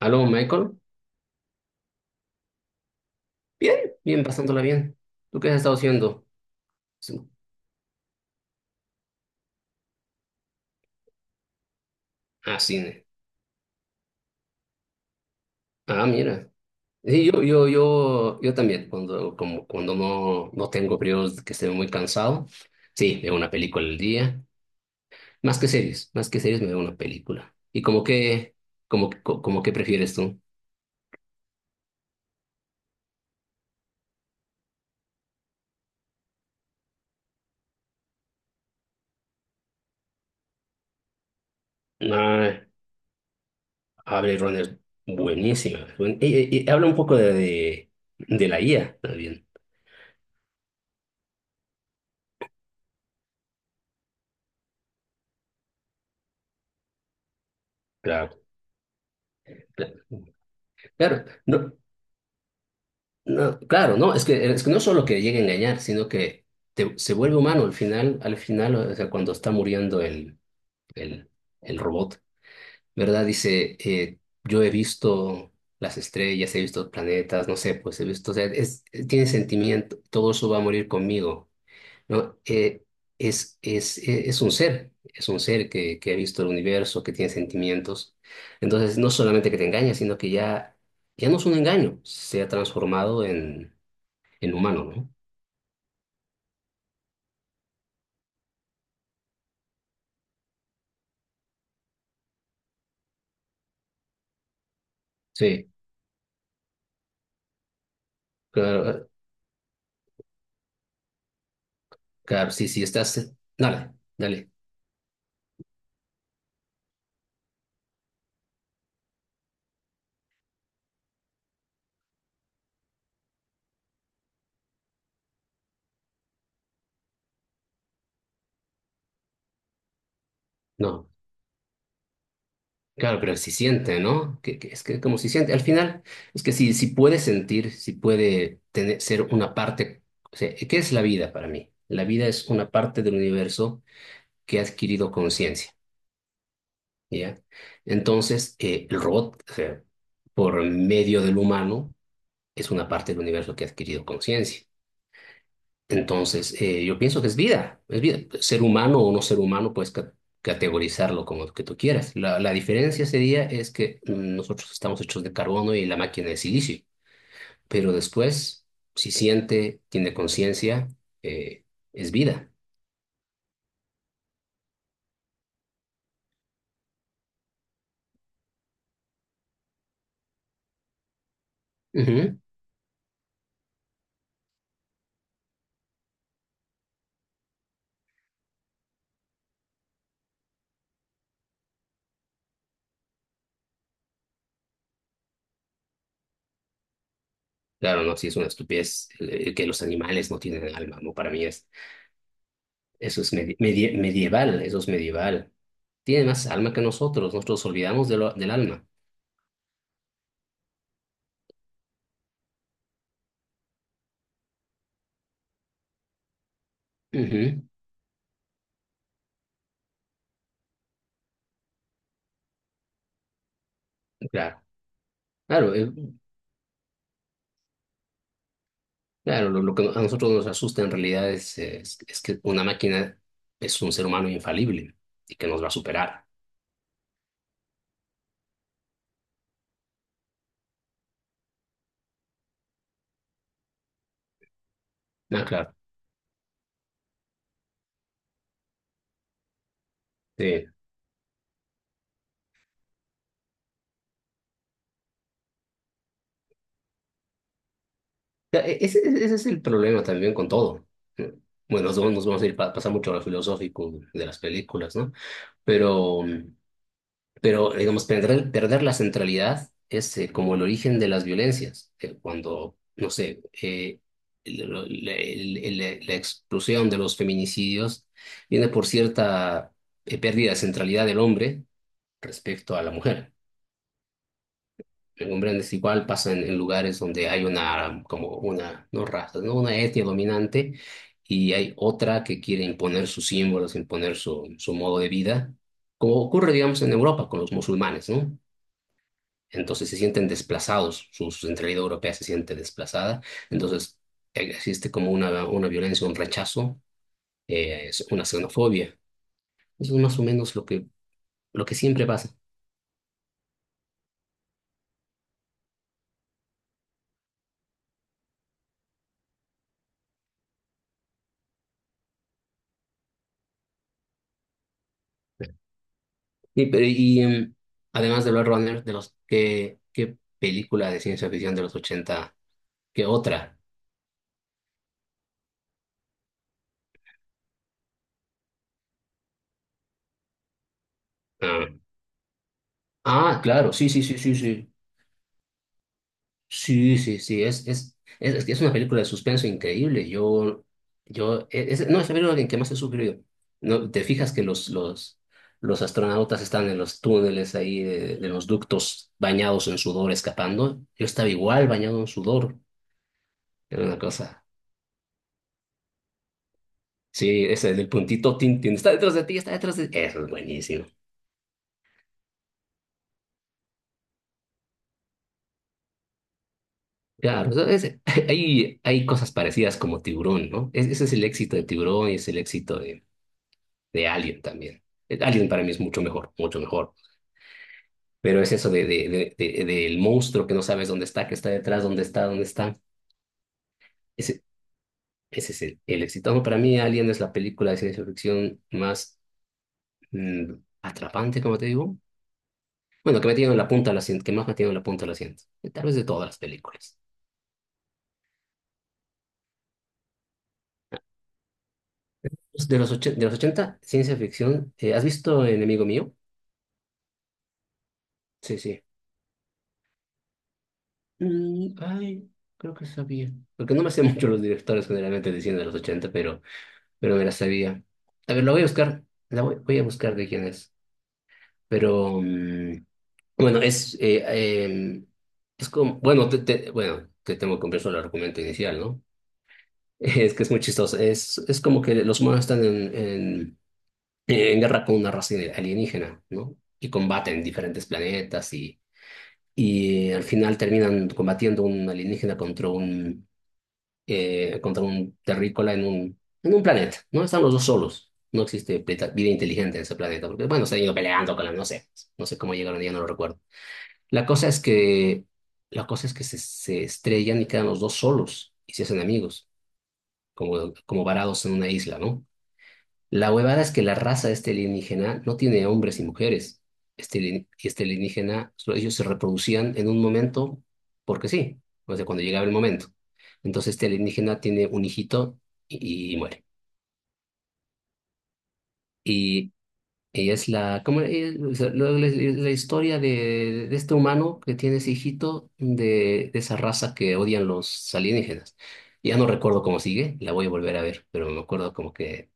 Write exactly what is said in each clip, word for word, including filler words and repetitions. Aló, Michael. Bien, bien, pasándola bien. ¿Tú qué has estado haciendo? Sí. Ah, cine. Ah, mira. Sí, yo, yo, yo, yo también, cuando, como, cuando no, no tengo periodos que esté muy cansado, sí, veo una película al día. Más que series, más que series me veo una película. ¿Y como que, como, co- como que prefieres tú? Ah, Blade Runner, buenísima. Buen- Y, y- y habla un poco de, de, de la I A también. Claro. Claro, claro, no. No, claro, no, es que, es que no solo que llegue a engañar, sino que te- se vuelve humano al final, al final, o sea, cuando está muriendo el, el, el robot, ¿verdad? Dice, eh, yo he visto las estrellas, he visto planetas, no sé, pues he visto, o sea, es, tiene sentimiento, todo eso va a morir conmigo, ¿no? Eh, es, es, e- es un ser, es un ser que, que ha visto el universo, que tiene sentimientos. Entonces, no solamente que te engaña, sino que ya, ya no es un engaño, se ha transformado en humano, ¿no? Sí, claro, claro, sí, sí, estás, dale, dale, no, claro, pero si siente, ¿no? Que, que es que como si siente, al final, es que si, si puede sentir, si puede tener, ser una parte, o sea, ¿qué es la vida para mí? La vida es una parte del universo que ha adquirido conciencia, ¿ya? Entonces, eh, el robot, o sea, por medio del humano, es una parte del universo que ha adquirido conciencia. Entonces, eh, yo pienso que es vida, es vida. Ser humano o no ser humano, puedes ca- categorizarlo como que tú quieras. La, la diferencia sería es que mm, nosotros estamos hechos de carbono y la máquina de silicio, pero después, si siente, tiene conciencia, eh, es vida. Ujú. Claro, no, si es una estupidez eh, que los animales no tienen alma, ¿no? Para mí es, eso es medi- medie- medieval, eso es medieval. Tiene más alma que nosotros, nosotros olvidamos de lo- del alma. Ujú. Claro. Claro, eh, claro, lo, lo que a nosotros nos asusta en realidad es, es, es que una máquina es un ser humano infalible y que nos va a superar. Ah, claro. Sí. Ya, e- ese, ese es el problema también con todo. Bueno, nos vamos nos vamos a ir pa- pasar mucho a lo filosófico de las películas, ¿no? Pero, mm, pero, digamos, perder, perder la centralidad es eh, como el origen de las violencias. Eh, cuando, no sé, eh, el- el- el- el- la explosión de los feminicidios viene por cierta eh, pérdida de centralidad del hombre respecto a la mujer. El hombre es igual pasa en, en lugares donde hay una, como una, no raza, ¿no? Una etnia dominante y hay otra que quiere imponer sus símbolos, imponer su, su modo de vida, como ocurre, digamos, en Europa con los musulmanes, ¿no? Entonces se sienten desplazados, su, su centralidad europea se siente desplazada. Entonces eh, existe como una, una violencia, un rechazo, eh, es una xenofobia. Eso es más o menos lo que, lo que siempre pasa. Y, pero- y em, además de Blade Runner, de los, ¿qué, qué película de ciencia ficción de los ochenta ¿Qué otra? Ah, ah, claro, sí, sí, sí, sí, sí. Sí, sí, sí, es, es, es, es que es una película de suspenso increíble. Yo, yo, e, es, no, es la película en que más he sufrido. No, te fijas que los, los, los astronautas están en los túneles ahí de, de los ductos bañados en sudor escapando. Yo estaba igual bañado en sudor. Era una cosa. Sí, ese del puntito tin, tin, está detrás de ti, está detrás de ti. Eso es buenísimo. Claro, eso es- hay, hay cosas parecidas como Tiburón, ¿no? Es- ese es el éxito de Tiburón y es el éxito de Alien también. Eh, Alien para mí es mucho mejor, mucho mejor. Pero es eso de, de, de, de- del monstruo que no sabes dónde está, que está detrás, dónde está, dónde está. Ese, ese es el, el éxito. No, para mí Alien es la película de ciencia ficción más mm, atrapante, como te digo. Bueno, que me tiene en la punta del asiento, que más me tiene en la punta del asiento. Eh, Tal vez de todas las películas. Pues de los, ochen- de los ochenta ciencia ficción. ¿Eh, has visto Enemigo Mío? Sí, sí. Mm, ay, creo que sabía. Porque no me sé mucho los directores generalmente diciendo de los ochenta pero pero me la sabía. A ver, la voy a buscar, la voy, voy a buscar de quién es. Pero, mm, bueno, es, eh, em, es como, bueno, te, te- bueno, te tengo que comprar solo el argumento inicial, ¿no? Es que es muy chistoso. Es, es como que los humanos están en, en, en guerra con una raza alienígena, ¿no? Y combaten diferentes planetas y, y al final terminan combatiendo un alienígena contra un eh, contra un terrícola en un, en un planeta, ¿no? Están los dos solos. No existe pleta- vida inteligente en ese planeta, porque, bueno, se han ido peleando con la, no sé, no sé cómo llegaron, ya no lo recuerdo. La cosa es que, la cosa es que se, se estrellan y quedan los dos solos y se hacen amigos, como, como varados en una isla, ¿no? La huevada es que la raza de este alienígena no tiene hombres y mujeres. Este, alien- y este alienígena, so- ellos se reproducían en un momento porque sí, o sea, cuando llegaba el momento. Entonces este alienígena tiene un hijito y, y muere. Y, y es la, ¿cómo, eh, o sea, la, la- la historia de, de este humano que tiene ese hijito de, de esa raza que odian los alienígenas. Ya no recuerdo cómo sigue, la voy a volver a ver, pero me acuerdo como que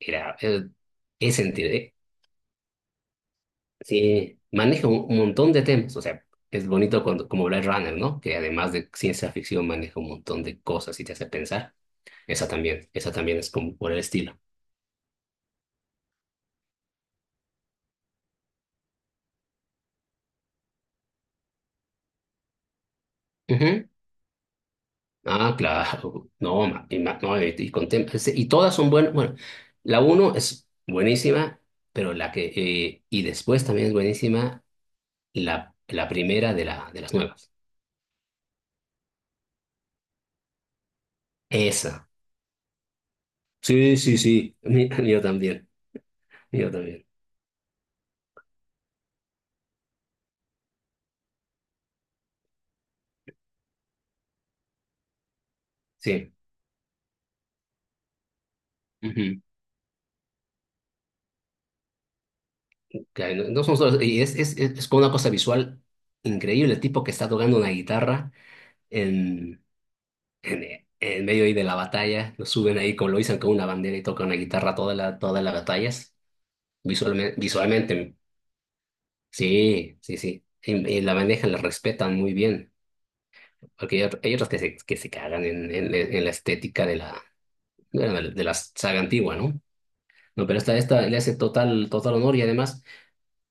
era... eh, es. Sí, maneja un, un montón de temas. O sea, es bonito cuando, como Blade Runner, ¿no? Que además de ciencia ficción maneja un montón de cosas y te hace pensar. Esa también, esa también es como por el estilo. Ujú. Ah, claro. No, ma- y, ma- no, y, y con tem- ese- y todas son buenas. Bueno, la uno es buenísima, pero la que... eh, y después también es buenísima la, la primera de, la, de las nuevas. Esa. Sí, sí, sí. Mi- Yo también. Yo también. Sí. Ujú. Que no, no son solo, y es, es, es como una cosa visual increíble, el tipo que está tocando una guitarra en, en, en medio ahí de la batalla, lo suben ahí, como lo dicen con una bandera y toca una guitarra toda la, todas las batallas, visualmente, visualmente, sí, sí, sí, y, y la manejan, la respetan muy bien, porque hay, otro- hay otros que se, que se cagan en, en, en la estética de la, bueno, de la, de la saga antigua, ¿no? No, pero esta, esta le hace total, total honor y además...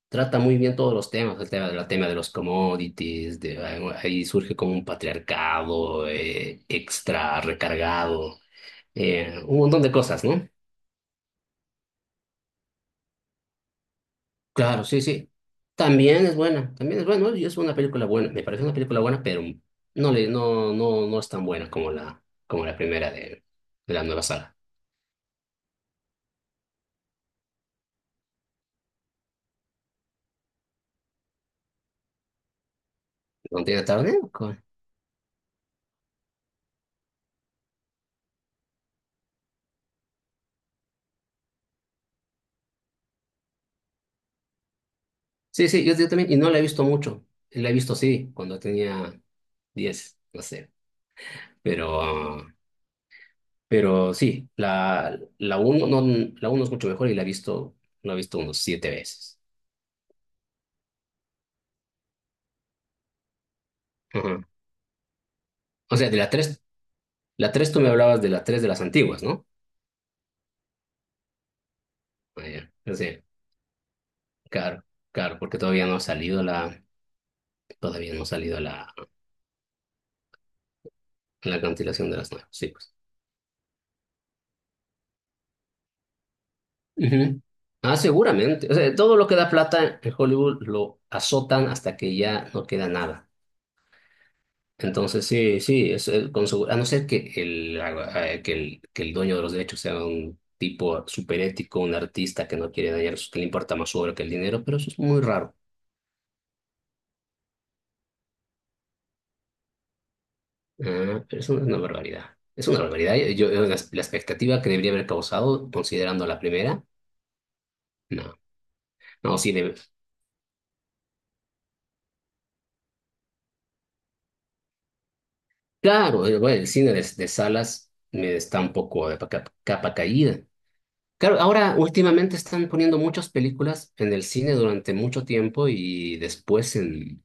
trata muy bien todos los temas, el tema, el tema de los commodities, de, bueno, ahí surge como un patriarcado eh, extra recargado, eh, un montón de cosas, ¿no? Claro, sí, sí. También es buena, también es buena, ¿no? Y es una película buena, me parece una película buena, pero no, le, no, no, no es tan buena como la, como la primera de, de la nueva saga. ¿No tiene tarde? ¿Cómo? Sí, sí, yo, yo también, y no la he visto mucho, la he visto sí, cuando tenía diez no sé, pero... Pero sí, la, la uno, no, la uno es mucho mejor y la he visto, la he visto unos siete veces. Ajá. O sea, de la tres, la tres tú me hablabas de la tres de las antiguas, ¿no? Ah, ya. O sea, claro, claro, porque todavía no ha salido la, todavía no ha salido la, la cancelación de las nuevas, sí, pues. Ujú. Ah, seguramente. O sea, todo lo que da plata en Hollywood lo azotan hasta que ya no queda nada. Entonces, sí, sí, es, eh, con segu- a no ser que el, a- a- que el, que el dueño de los derechos sea un tipo superético, un artista que no quiere dañar, su- que le importa más su obra que el dinero, pero eso es muy raro. Ah, pero eso es una barbaridad. Es una barbaridad. Yo, yo- la, la expectativa que debería haber causado, considerando la primera, no. No, sí, de- claro, eh, bueno, el cine de, de salas me está un poco de capa capa caída. Claro, ahora últimamente están poniendo muchas películas en el cine durante mucho tiempo y después en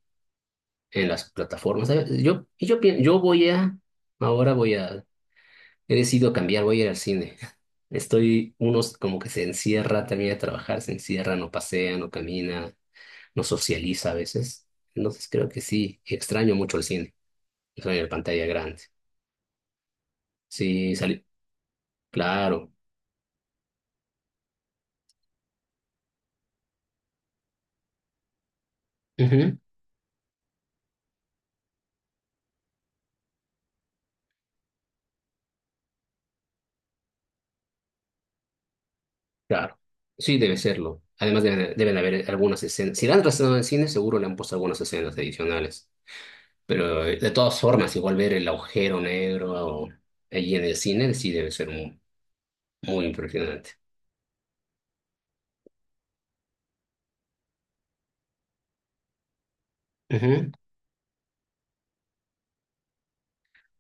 en las plataformas. ¿Sabes? Yo, y yo, pien- yo voy a, ahora voy a, he decidido cambiar, voy a ir al cine. Estoy, unos como que se encierra, termina de trabajar, se encierra, no pasea, no camina, no socializa a veces. Entonces creo que sí, extraño mucho el cine, extraño la pantalla grande. Sí, salí, claro, ujú, claro, sí debe serlo. Además deben, deben haber algunas escenas. Si la han trasladado al cine, seguro le han puesto algunas escenas adicionales. Pero eh, de todas formas, igual ver el agujero negro allí en el cine sí debe ser muy, muy impresionante. Ujú.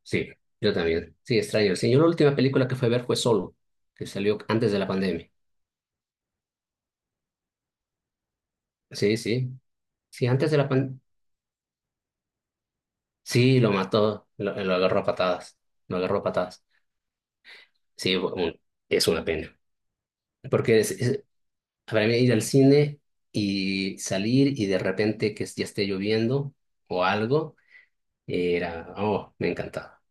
Sí, yo también. Sí, extraño. Sí, yo la última película que fue a ver fue Solo, que salió antes de la pandemia. Sí, sí. Sí, antes de la pandemia. Sí, lo mató, lo, lo agarró a patadas. Lo agarró a patadas. Sí, fue un- es una pena. Porque es, es- para mí ir al cine y salir y de repente que ya esté lloviendo o algo, era, oh, me encantaba.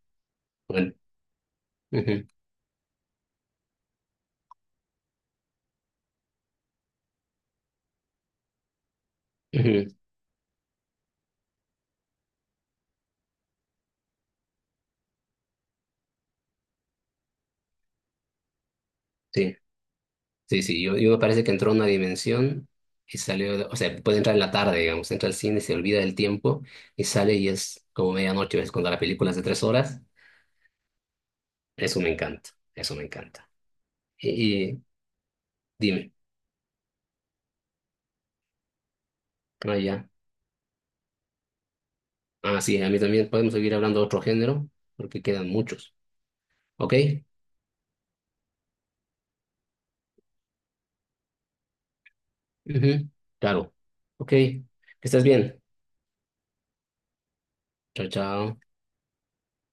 Ujú, ujú. Sí, sí, sí. Yo, yo me parece que entró a una dimensión y salió, o sea, puede entrar en la tarde, digamos, entra al cine, se olvida del tiempo y sale y es como medianoche, es cuando la película es de tres horas. Eso me encanta, eso me encanta. Y, y dime, ah, ya. Ah, sí, a mí también podemos seguir hablando de otro género porque quedan muchos. ¿Ok? Ujú, claro. Ok, que estés bien. Chao, chao.